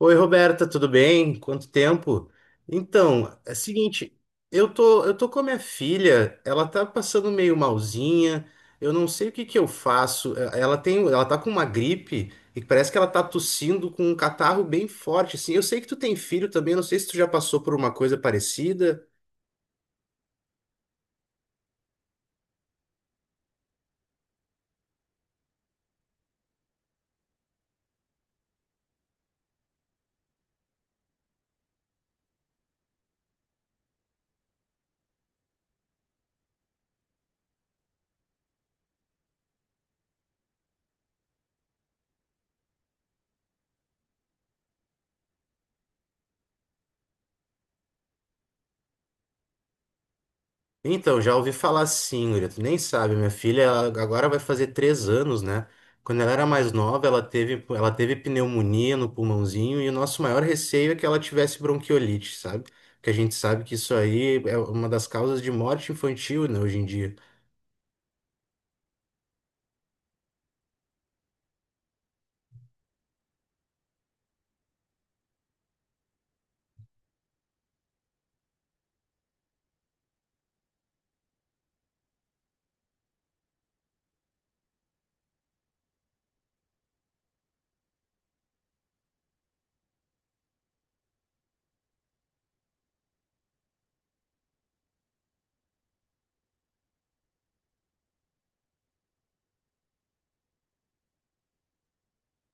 Oi, Roberta, tudo bem? Quanto tempo? Então, é o seguinte, eu tô com a minha filha, ela tá passando meio malzinha, eu não sei o que que eu faço. Ela tem, ela tá com uma gripe e parece que ela tá tossindo com um catarro bem forte, assim. Eu sei que tu tem filho também, não sei se tu já passou por uma coisa parecida. Então, já ouvi falar sim, Guria. Tu nem sabe, minha filha ela agora vai fazer três anos, né? Quando ela era mais nova, ela teve pneumonia no pulmãozinho e o nosso maior receio é que ela tivesse bronquiolite, sabe? Porque a gente sabe que isso aí é uma das causas de morte infantil, né, hoje em dia.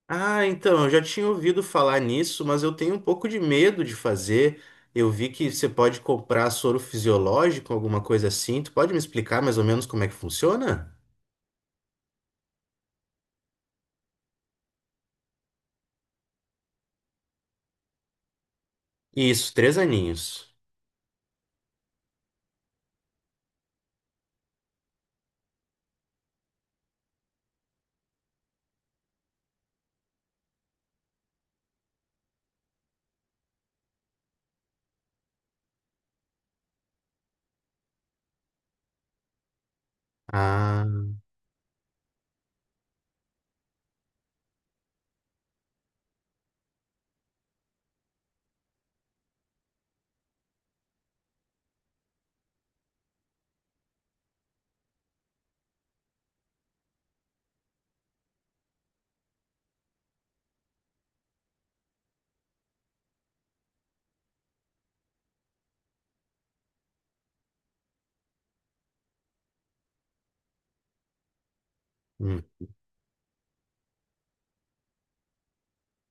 Ah, então, eu já tinha ouvido falar nisso, mas eu tenho um pouco de medo de fazer. Eu vi que você pode comprar soro fisiológico, alguma coisa assim. Tu pode me explicar mais ou menos como é que funciona? Isso, três aninhos. Ah. Hum.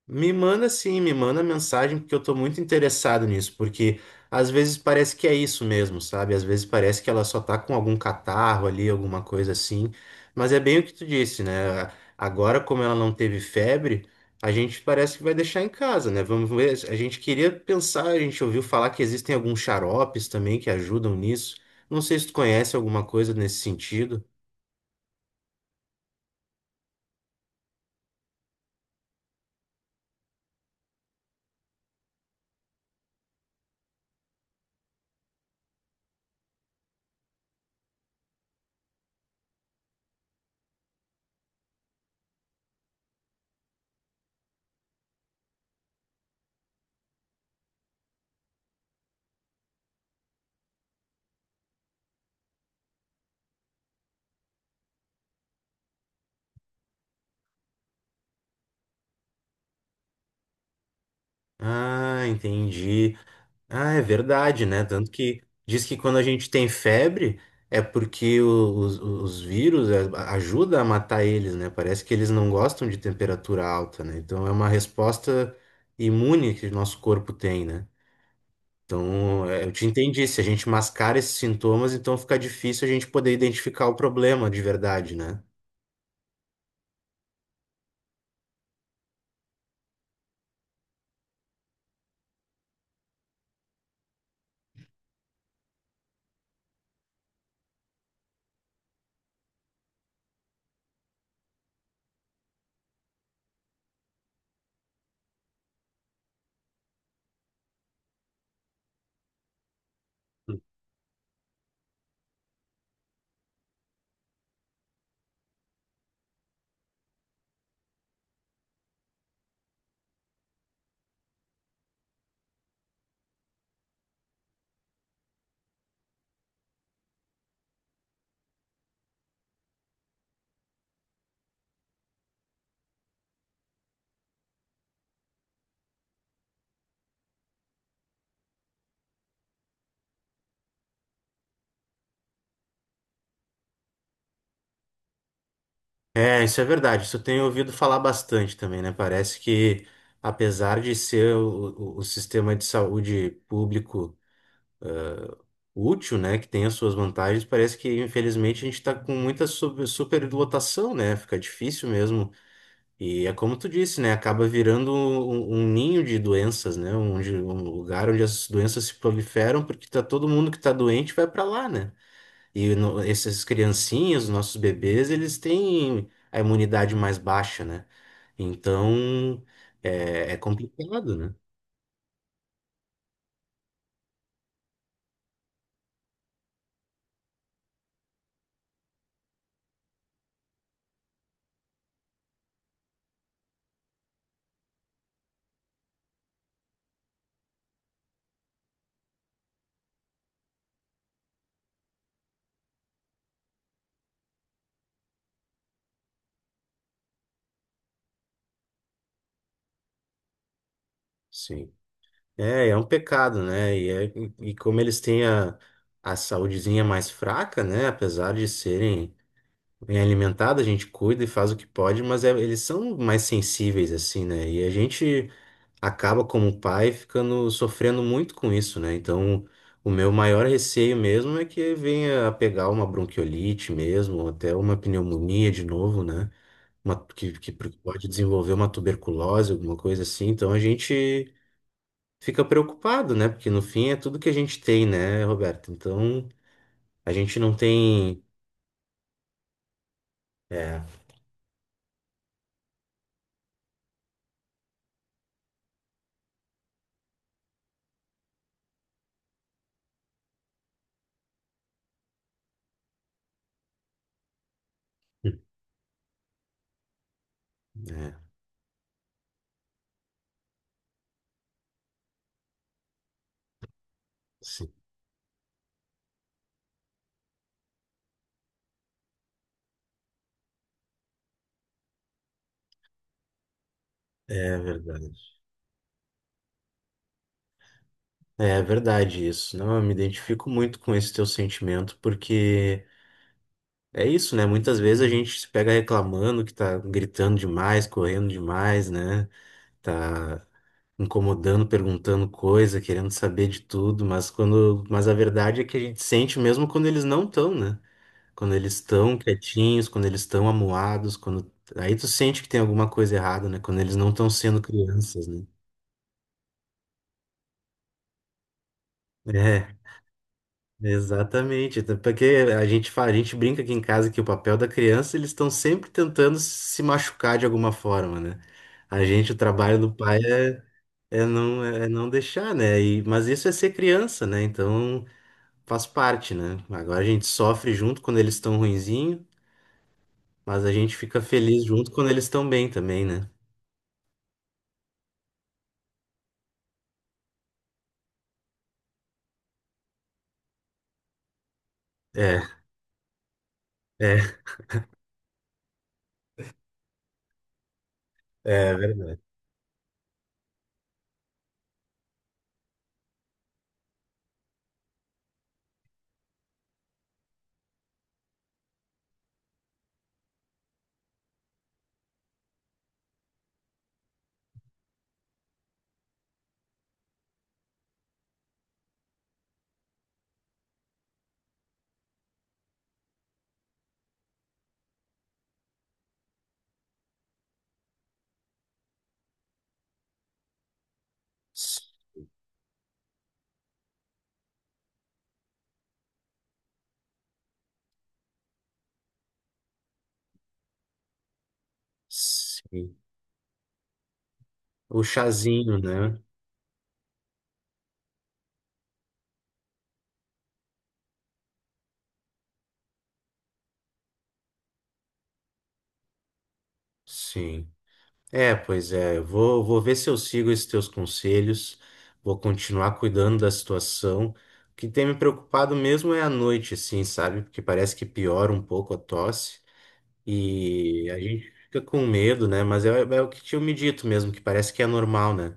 Me manda sim, me manda mensagem, porque eu tô muito interessado nisso, porque às vezes parece que é isso mesmo, sabe? Às vezes parece que ela só tá com algum catarro ali, alguma coisa assim, mas é bem o que tu disse, né? Agora, como ela não teve febre, a gente parece que vai deixar em casa, né? Vamos ver, a gente queria pensar, a gente ouviu falar que existem alguns xaropes também que ajudam nisso. Não sei se tu conhece alguma coisa nesse sentido. Ah, entendi. Ah, é verdade, né? Tanto que diz que quando a gente tem febre é porque os vírus é, ajuda a matar eles, né? Parece que eles não gostam de temperatura alta, né? Então é uma resposta imune que o nosso corpo tem, né? Então, é, eu te entendi. Se a gente mascara esses sintomas, então fica difícil a gente poder identificar o problema de verdade, né? É, isso é verdade. Isso eu tenho ouvido falar bastante também, né? Parece que, apesar de ser o, o sistema de saúde público. Útil, né, que tem as suas vantagens, parece que infelizmente a gente está com muita superlotação, né? Fica difícil mesmo. E é como tu disse, né? Acaba virando um, um ninho de doenças, né? Onde, um lugar onde as doenças se proliferam, porque tá todo mundo que tá doente vai para lá, né? E no, essas criancinhas, os nossos bebês, eles têm a imunidade mais baixa, né? Então é, é complicado, né? Sim. É, é um pecado, né? E e como eles têm a saúdezinha mais fraca, né? Apesar de serem bem alimentados, a gente cuida e faz o que pode, mas é- eles são mais sensíveis, assim, né? E a gente acaba, como pai, ficando sofrendo muito com isso, né? Então, o meu maior receio mesmo é que venha a pegar uma bronquiolite mesmo, ou até uma pneumonia de novo, né? Uma, que pode desenvolver uma tuberculose, alguma coisa assim. Então, a gente fica preocupado, né? Porque no fim é tudo que a gente tem, né, Roberto? Então, a gente não tem. É, é, sim, é verdade. É verdade isso. Não, eu me identifico muito com esse teu sentimento, porque é isso, né? Muitas vezes a gente se pega reclamando que tá gritando demais, correndo demais, né? Tá incomodando, perguntando coisa, querendo saber de tudo, mas quando, mas a verdade é que a gente sente mesmo quando eles não estão, né? Quando eles estão quietinhos, quando eles estão amuados, quando aí tu sente que tem alguma coisa errada, né? Quando eles não estão sendo crianças, né? É, exatamente. Até porque a gente fala, a gente brinca aqui em casa que o papel da criança, eles estão sempre tentando se machucar de alguma forma, né? A gente, o trabalho do pai é, é não deixar, né? E, mas isso é ser criança, né? Então faz parte, né? Agora a gente sofre junto quando eles estão ruinzinho, mas a gente fica feliz junto quando eles estão bem também, né? É. É. É, ver- sim. O chazinho, né? Sim. É, pois é. Vou ver se eu sigo esses teus conselhos. Vou continuar cuidando da situação. O que tem me preocupado mesmo é a noite, assim, sabe? Porque parece que piora um pouco a tosse. E a gente fica com medo, né? Mas é, é o que tinha me dito mesmo, que parece que é normal, né?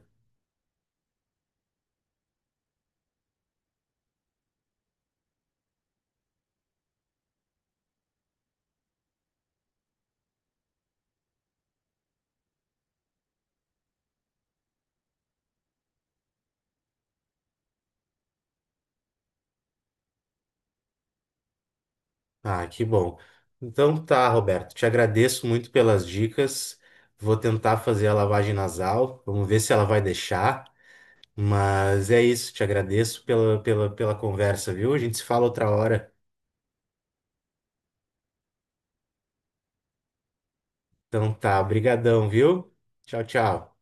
Ah, que bom. Então tá, Roberto, te agradeço muito pelas dicas. Vou tentar fazer a lavagem nasal, vamos ver se ela vai deixar. Mas é isso, te agradeço pela conversa, viu? A gente se fala outra hora. Então tá, brigadão, viu? Tchau, tchau.